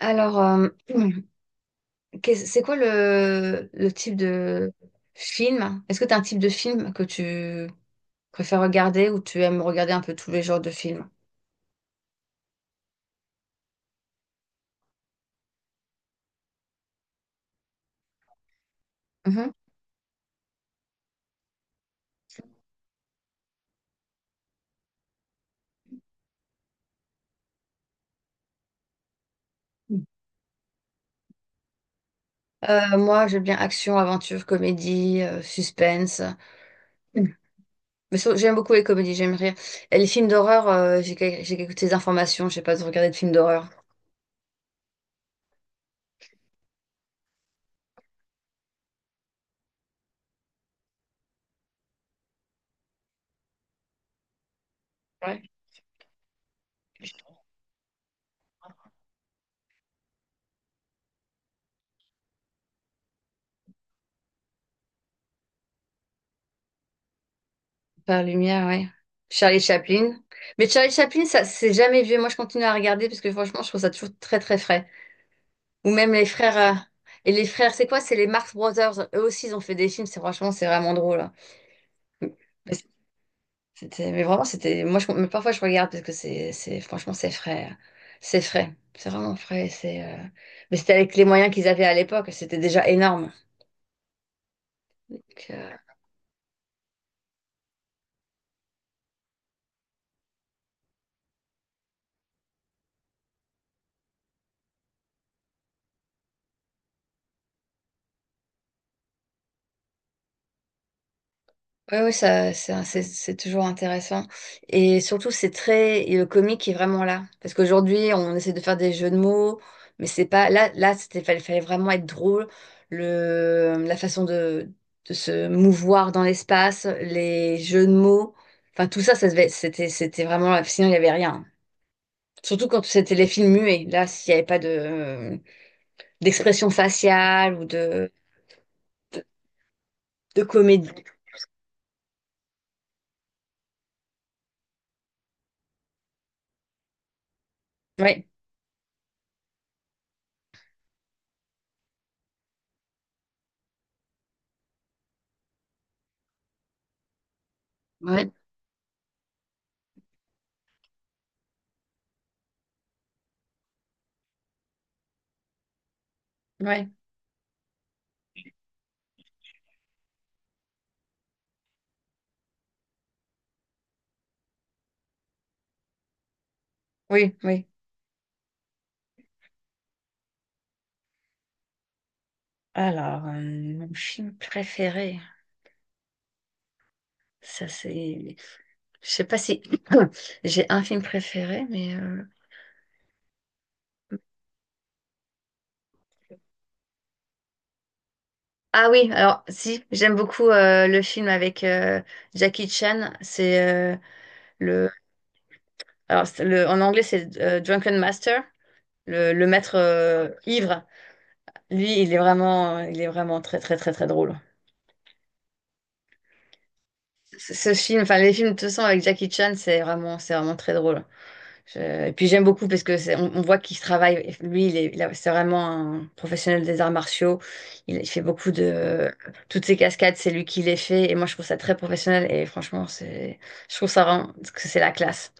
Alors, c'est quoi le type de film? Est-ce que tu as un type de film que tu préfères regarder ou tu aimes regarder un peu tous les genres de films? Mhm. Moi, j'aime bien action, aventure, comédie, suspense. Mm. Mais j'aime beaucoup les comédies, j'aime rire. Et les films d'horreur, j'ai quelques petites informations, je sais pas de regarder de films d'horreur. Ouais. Par lumière, ouais. Charlie Chaplin. Mais Charlie Chaplin, ça, c'est jamais vieux. Moi, je continue à regarder parce que franchement, je trouve ça toujours très, très frais. Ou même les frères, et les frères, c'est quoi? C'est les Marx Brothers. Eux aussi, ils ont fait des films. C'est franchement, c'est vraiment drôle, hein. Mais c'était, mais vraiment, c'était. Moi, mais parfois, je regarde parce que franchement, c'est frais, hein. C'est frais. C'est vraiment frais. C'est. Mais c'était avec les moyens qu'ils avaient à l'époque. C'était déjà énorme. Oui, oui, c'est toujours intéressant. Et surtout, et le comique est vraiment là. Parce qu'aujourd'hui, on essaie de faire des jeux de mots, mais c'est pas, là, fallait vraiment être drôle. Le, la façon de se mouvoir dans l'espace, les jeux de mots, enfin, tout ça, c'était vraiment, sinon, il n'y avait rien. Surtout quand c'était les films muets. Là, s'il n'y avait pas d'expression faciale ou de, de comédie. Oui, oui, oui, oui. Alors, mon film préféré, ça c'est. Je sais pas si j'ai un film préféré, Ah oui, alors si, j'aime beaucoup le film avec Jackie Chan. C'est le. Alors, c'est le. En anglais, c'est Drunken Master, le maître ivre. Lui, il est vraiment très, très, très, très drôle. Ce film, enfin les films de toute façon avec Jackie Chan, c'est vraiment très drôle. Et puis j'aime beaucoup parce que on voit qu'il travaille. Lui, il est, il a- c'est vraiment un professionnel des arts martiaux. Il fait beaucoup de toutes ses cascades, c'est lui qui les fait. Et moi, je trouve ça très professionnel. Et franchement, je trouve ça vraiment que c'est la classe.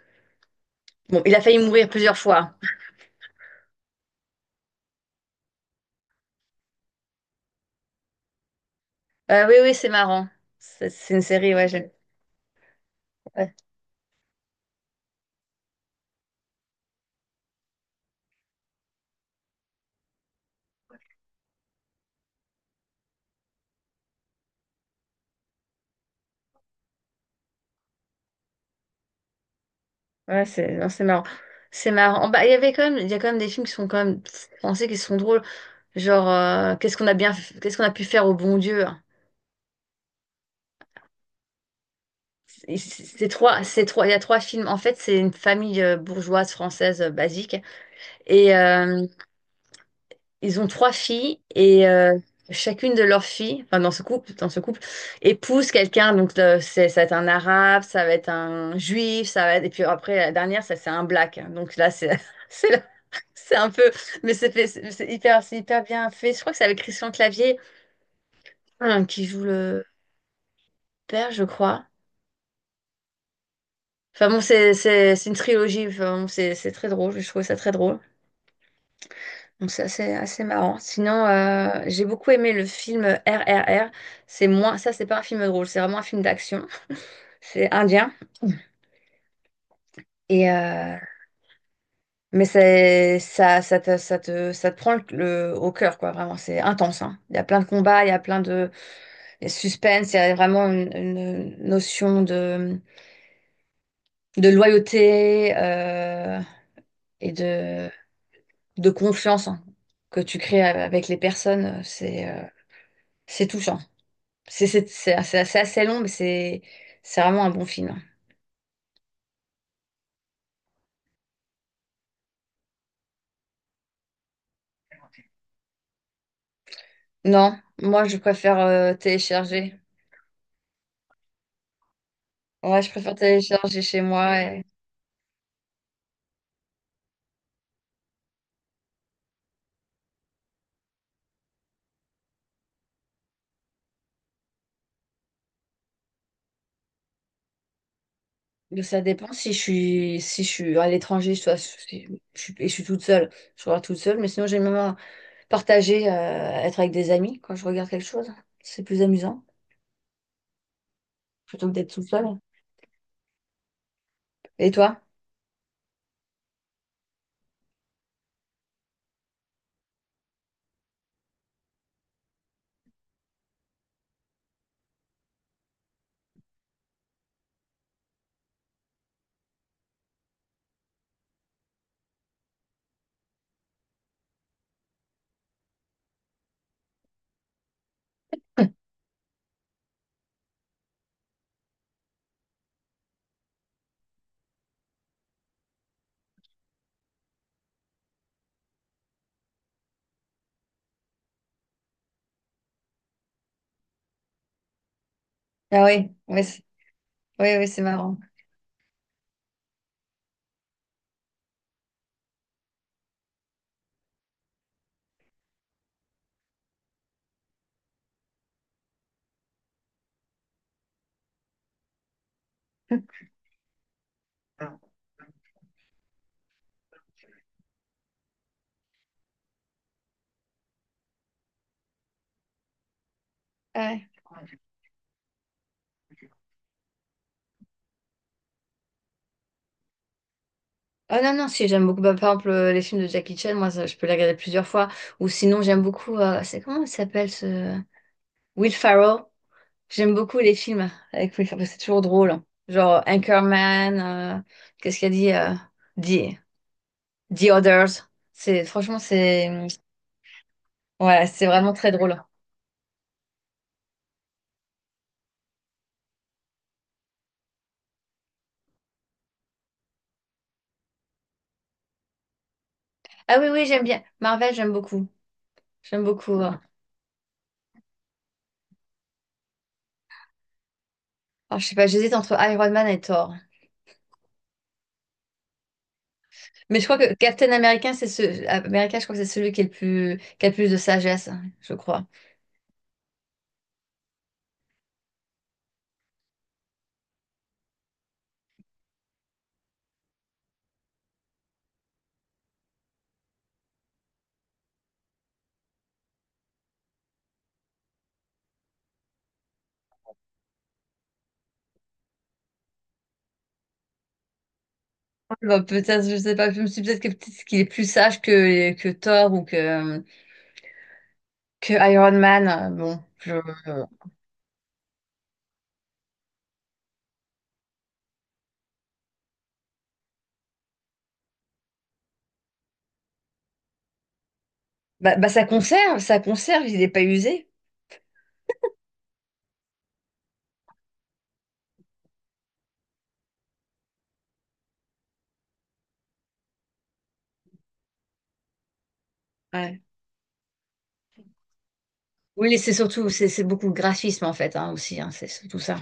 Bon, il a failli mourir plusieurs fois. Oui, oui, c'est marrant. C'est une série, ouais, j'aime. Ouais, ouais, c'est non, c'est marrant. C'est marrant. Bah, il y a quand même des films qui sont quand même français, qui sont drôles. Genre, qu'est-ce qu'on a pu faire au bon Dieu? Et il y a trois films. En fait, c'est une famille bourgeoise française basique. Et ils ont trois filles et chacune de leurs filles, enfin dans ce couple, épouse quelqu'un. Donc ça va être un arabe, ça va être un juif, ça va être. Et puis après la dernière, ça c'est un black. Donc là, c'est, la- c'est un peu, mais c'est fait, c'est hyper, c'est hyper bien fait. Je crois que c'est avec Christian Clavier, hein, qui joue le père, je crois. Enfin bon, c'est une trilogie. Enfin, bon, c'est très drôle. Je trouve ça très drôle. Donc ça, c'est assez marrant. Sinon, j'ai beaucoup aimé le film RRR. C'est moins, ça, c'est pas un film drôle, c'est vraiment un film d'action. C'est indien. Et mais c'est ça, ça te prend au cœur, quoi, vraiment. C'est intense, hein. Il y a plein de combats, il y a suspense, il y a vraiment une notion de loyauté et de confiance, hein, que tu crées avec les personnes. C'est touchant. C'est assez long, mais c'est vraiment un bon film. Non, moi je préfère télécharger. Ouais, je préfère télécharger chez moi. Mais ça dépend si je suis à l'étranger, soit si je suis, et je suis toute seule. Je regarde toute seule, mais sinon j'aime bien partager, être avec des amis quand je regarde quelque chose. C'est plus amusant plutôt que d'être toute seule. Et toi? Ah oui, oui, oui, oui, c'est marrant. Ouais. Ah non, non, si, j'aime beaucoup. Bah, par exemple, les films de Jackie Chan, moi, ça, je peux les regarder plusieurs fois. Ou sinon, j'aime beaucoup. C'est comment il s'appelle ce. Will Ferrell. J'aime beaucoup les films avec Will Ferrell. C'est toujours drôle, hein. Genre Anchorman. euh, Qu'est-ce qu'il a dit? The, The Others. C'est, franchement, c'est. Ouais, c'est vraiment très drôle. Ah oui, oui, j'aime bien. Marvel, j'aime beaucoup. J'aime beaucoup. Alors, je sais pas, j'hésite entre Iron Man et Thor. Mais je crois que Captain America, c'est ce. America, je crois que c'est celui qui est le plus, qui a le plus de sagesse, hein, je crois. Bah, peut-être, je sais pas, je me suis peut-être que- peut-être qu'il est plus sage que, Thor ou que, Iron Man, hein. Bon, bah, ça conserve, il n'est pas usé. Ouais. Oui, c'est beaucoup le graphisme en fait, hein, aussi, hein, c'est surtout ça.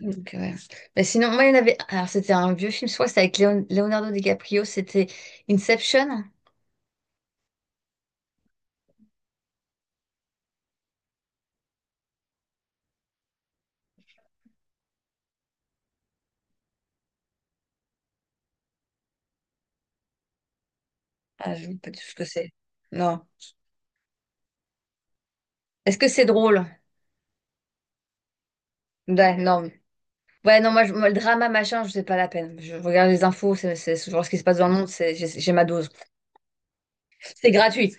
Donc, ouais. Bah, sinon, moi, il y en avait, alors c'était un vieux film, je crois que c'était avec Leonardo DiCaprio, c'était Inception. Ah, je ne sais pas du tout ce que c'est. Non. Est-ce que c'est drôle? Ouais, non. Ouais, non, moi, moi, le drama, machin, je sais pas la peine. Je regarde les infos, c'est genre ce qui se passe dans le monde, j'ai ma dose. C'est gratuit.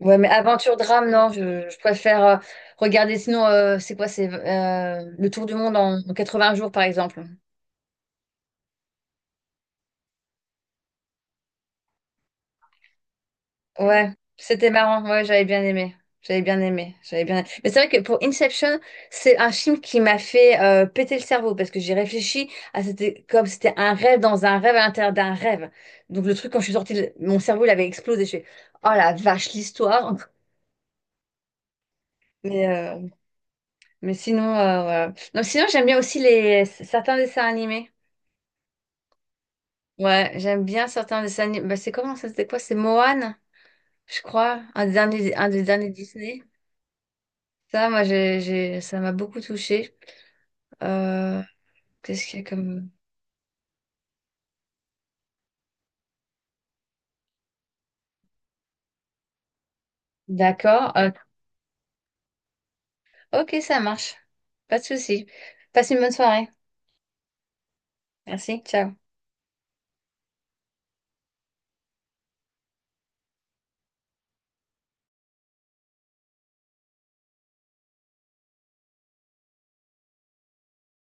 Ouais, mais aventure, drame, non, je préfère regarder. Sinon, c'est quoi? C'est le tour du monde en 20 jours, par exemple. Ouais, c'était marrant. Ouais, j'avais bien aimé. J'avais bien aimé. J'avais bien. Mais c'est vrai que pour Inception, c'est un film qui m'a fait péter le cerveau parce que j'ai réfléchi à c'était comme c'était un rêve dans un rêve à l'intérieur d'un rêve. Donc le truc quand je suis sortie, mon cerveau il avait explosé. Je fais oh la vache l'histoire. Mais euh, mais sinon voilà. Non, sinon j'aime bien aussi les certains dessins animés. Ouais, j'aime bien certains dessins animés. Bah, c'est comment ça? C'était quoi? C'est Moana, je crois, un des derniers Disney. Ça, moi, ça m'a beaucoup touchée. Euh, Qu'est-ce qu'il y a comme... D'accord. Ok, ça marche. Pas de souci. Passe une bonne soirée. Merci. Ciao.